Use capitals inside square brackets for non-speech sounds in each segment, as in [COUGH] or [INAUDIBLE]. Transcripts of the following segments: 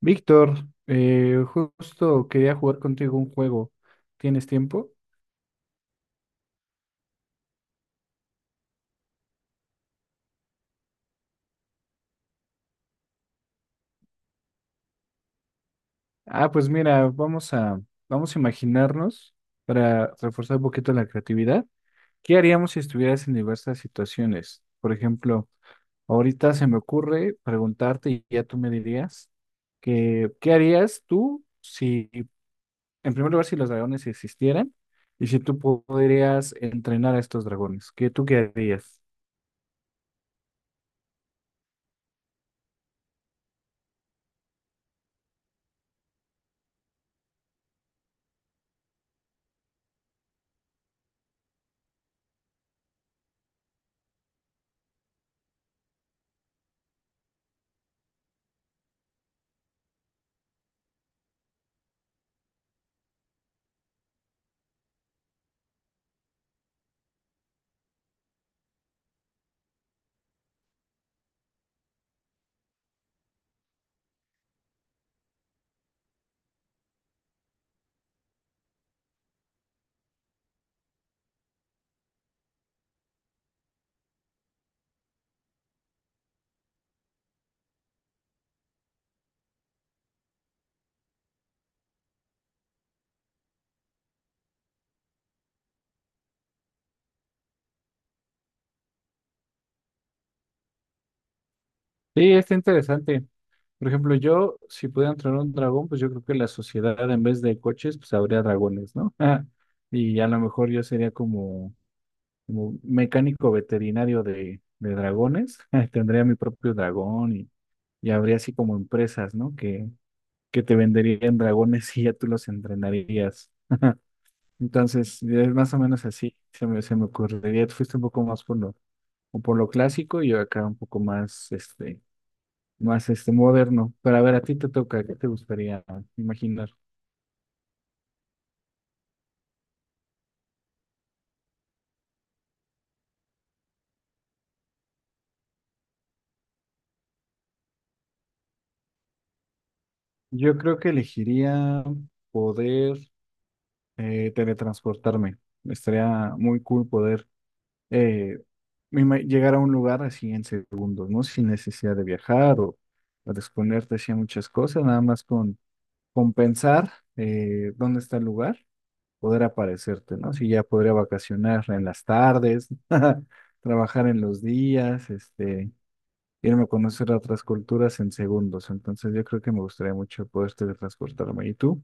Víctor, justo quería jugar contigo un juego. ¿Tienes tiempo? Ah, pues mira, vamos a imaginarnos para reforzar un poquito la creatividad. ¿Qué haríamos si estuvieras en diversas situaciones? Por ejemplo, ahorita se me ocurre preguntarte y ya tú me dirías que, ¿qué harías tú si, en primer lugar, si los dragones existieran y si tú podrías entrenar a estos dragones? ¿Qué tú qué harías? Sí, está interesante. Por ejemplo, yo, si pudiera entrenar un dragón, pues yo creo que la sociedad en vez de coches, pues habría dragones, ¿no? [LAUGHS] Y a lo mejor yo sería como, como mecánico veterinario de dragones. [LAUGHS] Tendría mi propio dragón y habría así como empresas, ¿no? Que te venderían dragones [LAUGHS] y ya tú los entrenarías. Entonces, es más o menos así, se me ocurriría. Tú fuiste un poco más por lo, o por lo clásico y yo acá un poco más, más moderno. Pero a ver, a ti te toca, ¿qué te gustaría imaginar? Yo creo que elegiría poder teletransportarme. Estaría muy cool poder eh, llegar a un lugar así en segundos, ¿no? Sin necesidad de viajar o de exponerte así a muchas cosas, nada más con pensar dónde está el lugar, poder aparecerte, ¿no? Si ya podría vacacionar en las tardes, [LAUGHS] trabajar en los días, Irme a conocer a otras culturas en segundos. Entonces yo creo que me gustaría mucho poder teletransportarme. ¿Y tú?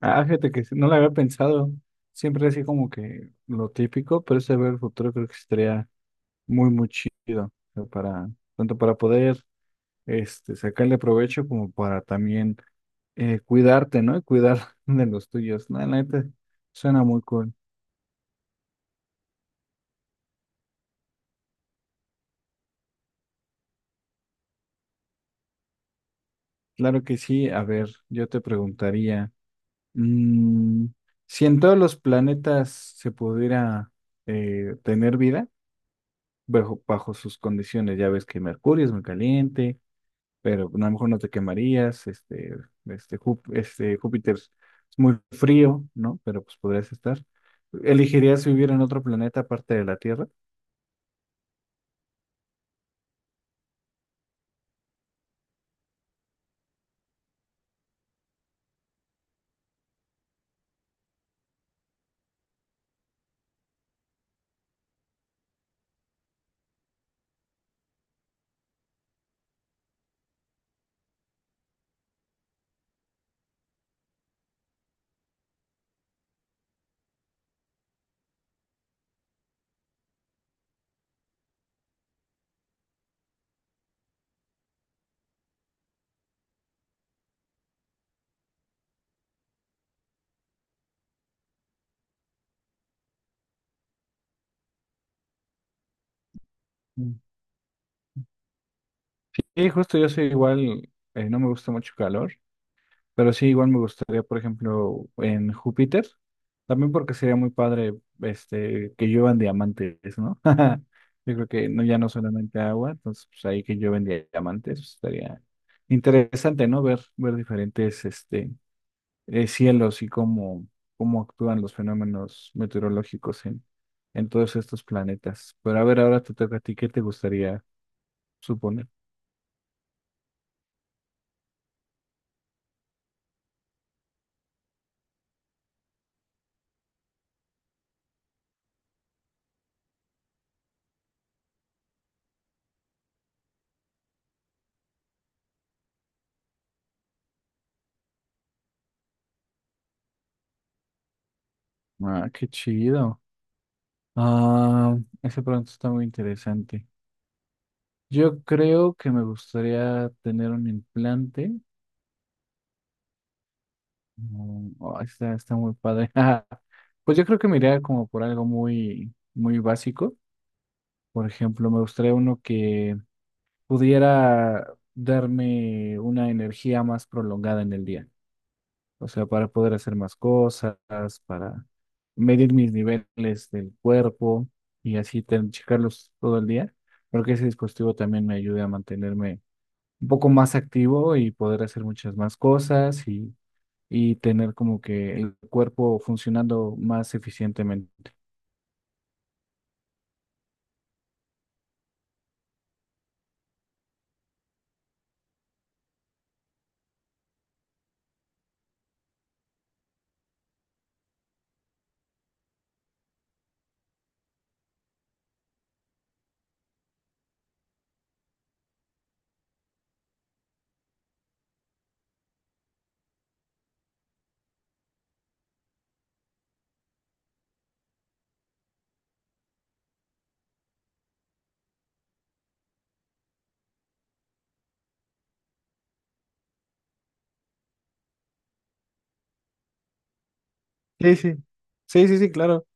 Ah, fíjate que sí, no lo había pensado. Siempre así como que lo típico, pero ese ver el futuro creo que estaría muy, muy chido. O sea, para, tanto para poder sacarle provecho como para también cuidarte, ¿no? Y cuidar [LAUGHS] de los tuyos. No, la neta, suena muy cool. Claro que sí. A ver, yo te preguntaría. Mm, si en todos los planetas se pudiera tener vida, bajo sus condiciones, ya ves que Mercurio es muy caliente, pero a lo mejor no te quemarías, este Júpiter es muy frío, ¿no? Pero pues podrías estar. ¿Elegirías vivir en otro planeta aparte de la Tierra? Mm. Y justo yo soy igual, no me gusta mucho calor, pero sí, igual me gustaría, por ejemplo, en Júpiter, también porque sería muy padre que lluevan diamantes, ¿no? [LAUGHS] Yo creo que no, ya no solamente agua, entonces pues, ahí que llueven diamantes, pues, estaría interesante, ¿no? Ver, ver diferentes cielos y cómo, cómo actúan los fenómenos meteorológicos en todos estos planetas. Pero a ver, ahora te toca a ti, ¿qué te gustaría suponer? Ah, qué chido. Ah, ese pronto está muy interesante. Yo creo que me gustaría tener un implante. Oh, está, está muy padre. [LAUGHS] Pues yo creo que me iría como por algo muy, muy básico. Por ejemplo, me gustaría uno que pudiera darme una energía más prolongada en el día. O sea, para poder hacer más cosas, para medir mis niveles del cuerpo y así checarlos todo el día. Creo que ese dispositivo también me ayude a mantenerme un poco más activo y poder hacer muchas más cosas y tener como que el cuerpo funcionando más eficientemente. Sí, sí. Sí, sí, sí, claro.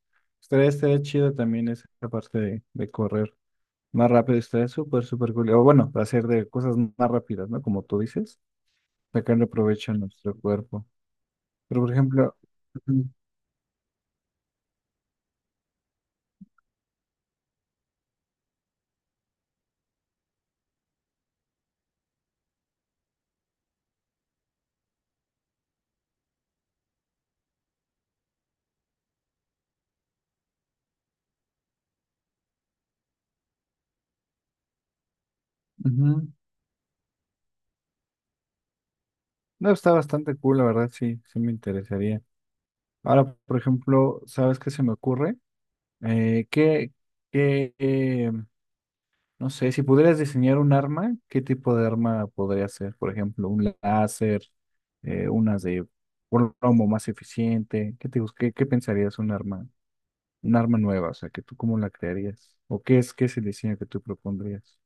Estaría, estaría chido también esa parte de correr más rápido. Estaría súper, súper cool. O bueno, hacer de cosas más rápidas, ¿no? Como tú dices, sacarle provecho a nuestro cuerpo. Pero, por ejemplo, ujú, ujú. No, está bastante cool, la verdad, sí, sí me interesaría. Ahora, por ejemplo, ¿sabes qué se me ocurre? Eh, ¿qué, qué, eh, no sé, si pudieras diseñar un arma, ¿qué tipo de arma podría ser? Por ejemplo, un láser, unas de plomo más eficiente. ¿Qué te, qué, qué pensarías un arma nueva? O sea, ¿que tú cómo la crearías? ¿O qué es el diseño que tú propondrías?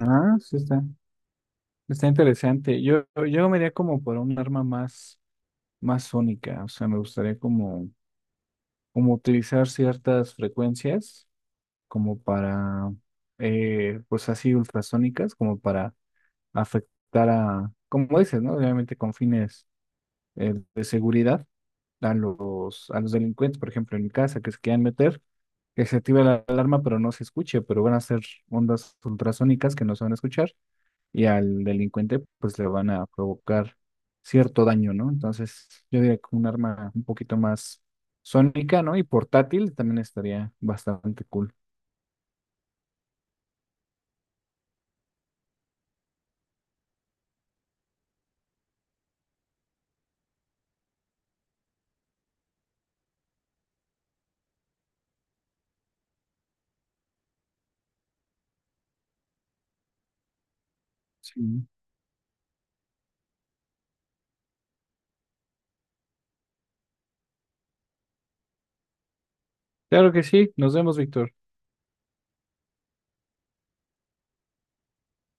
Ah, sí está, está interesante. Yo me iría como por un arma más, más sónica. O sea, me gustaría como, como utilizar ciertas frecuencias, como para, pues así ultrasónicas, como para afectar a, como dices, ¿no? Obviamente con fines de seguridad a los delincuentes, por ejemplo, en mi casa, que se quieran meter, que se active la alarma, pero no se escuche, pero van a ser ondas ultrasónicas que no se van a escuchar y al delincuente, pues le van a provocar cierto daño, ¿no? Entonces, yo diría que un arma un poquito más sónica, ¿no? Y portátil también estaría bastante cool. Sí. Claro que sí. Nos vemos, Víctor.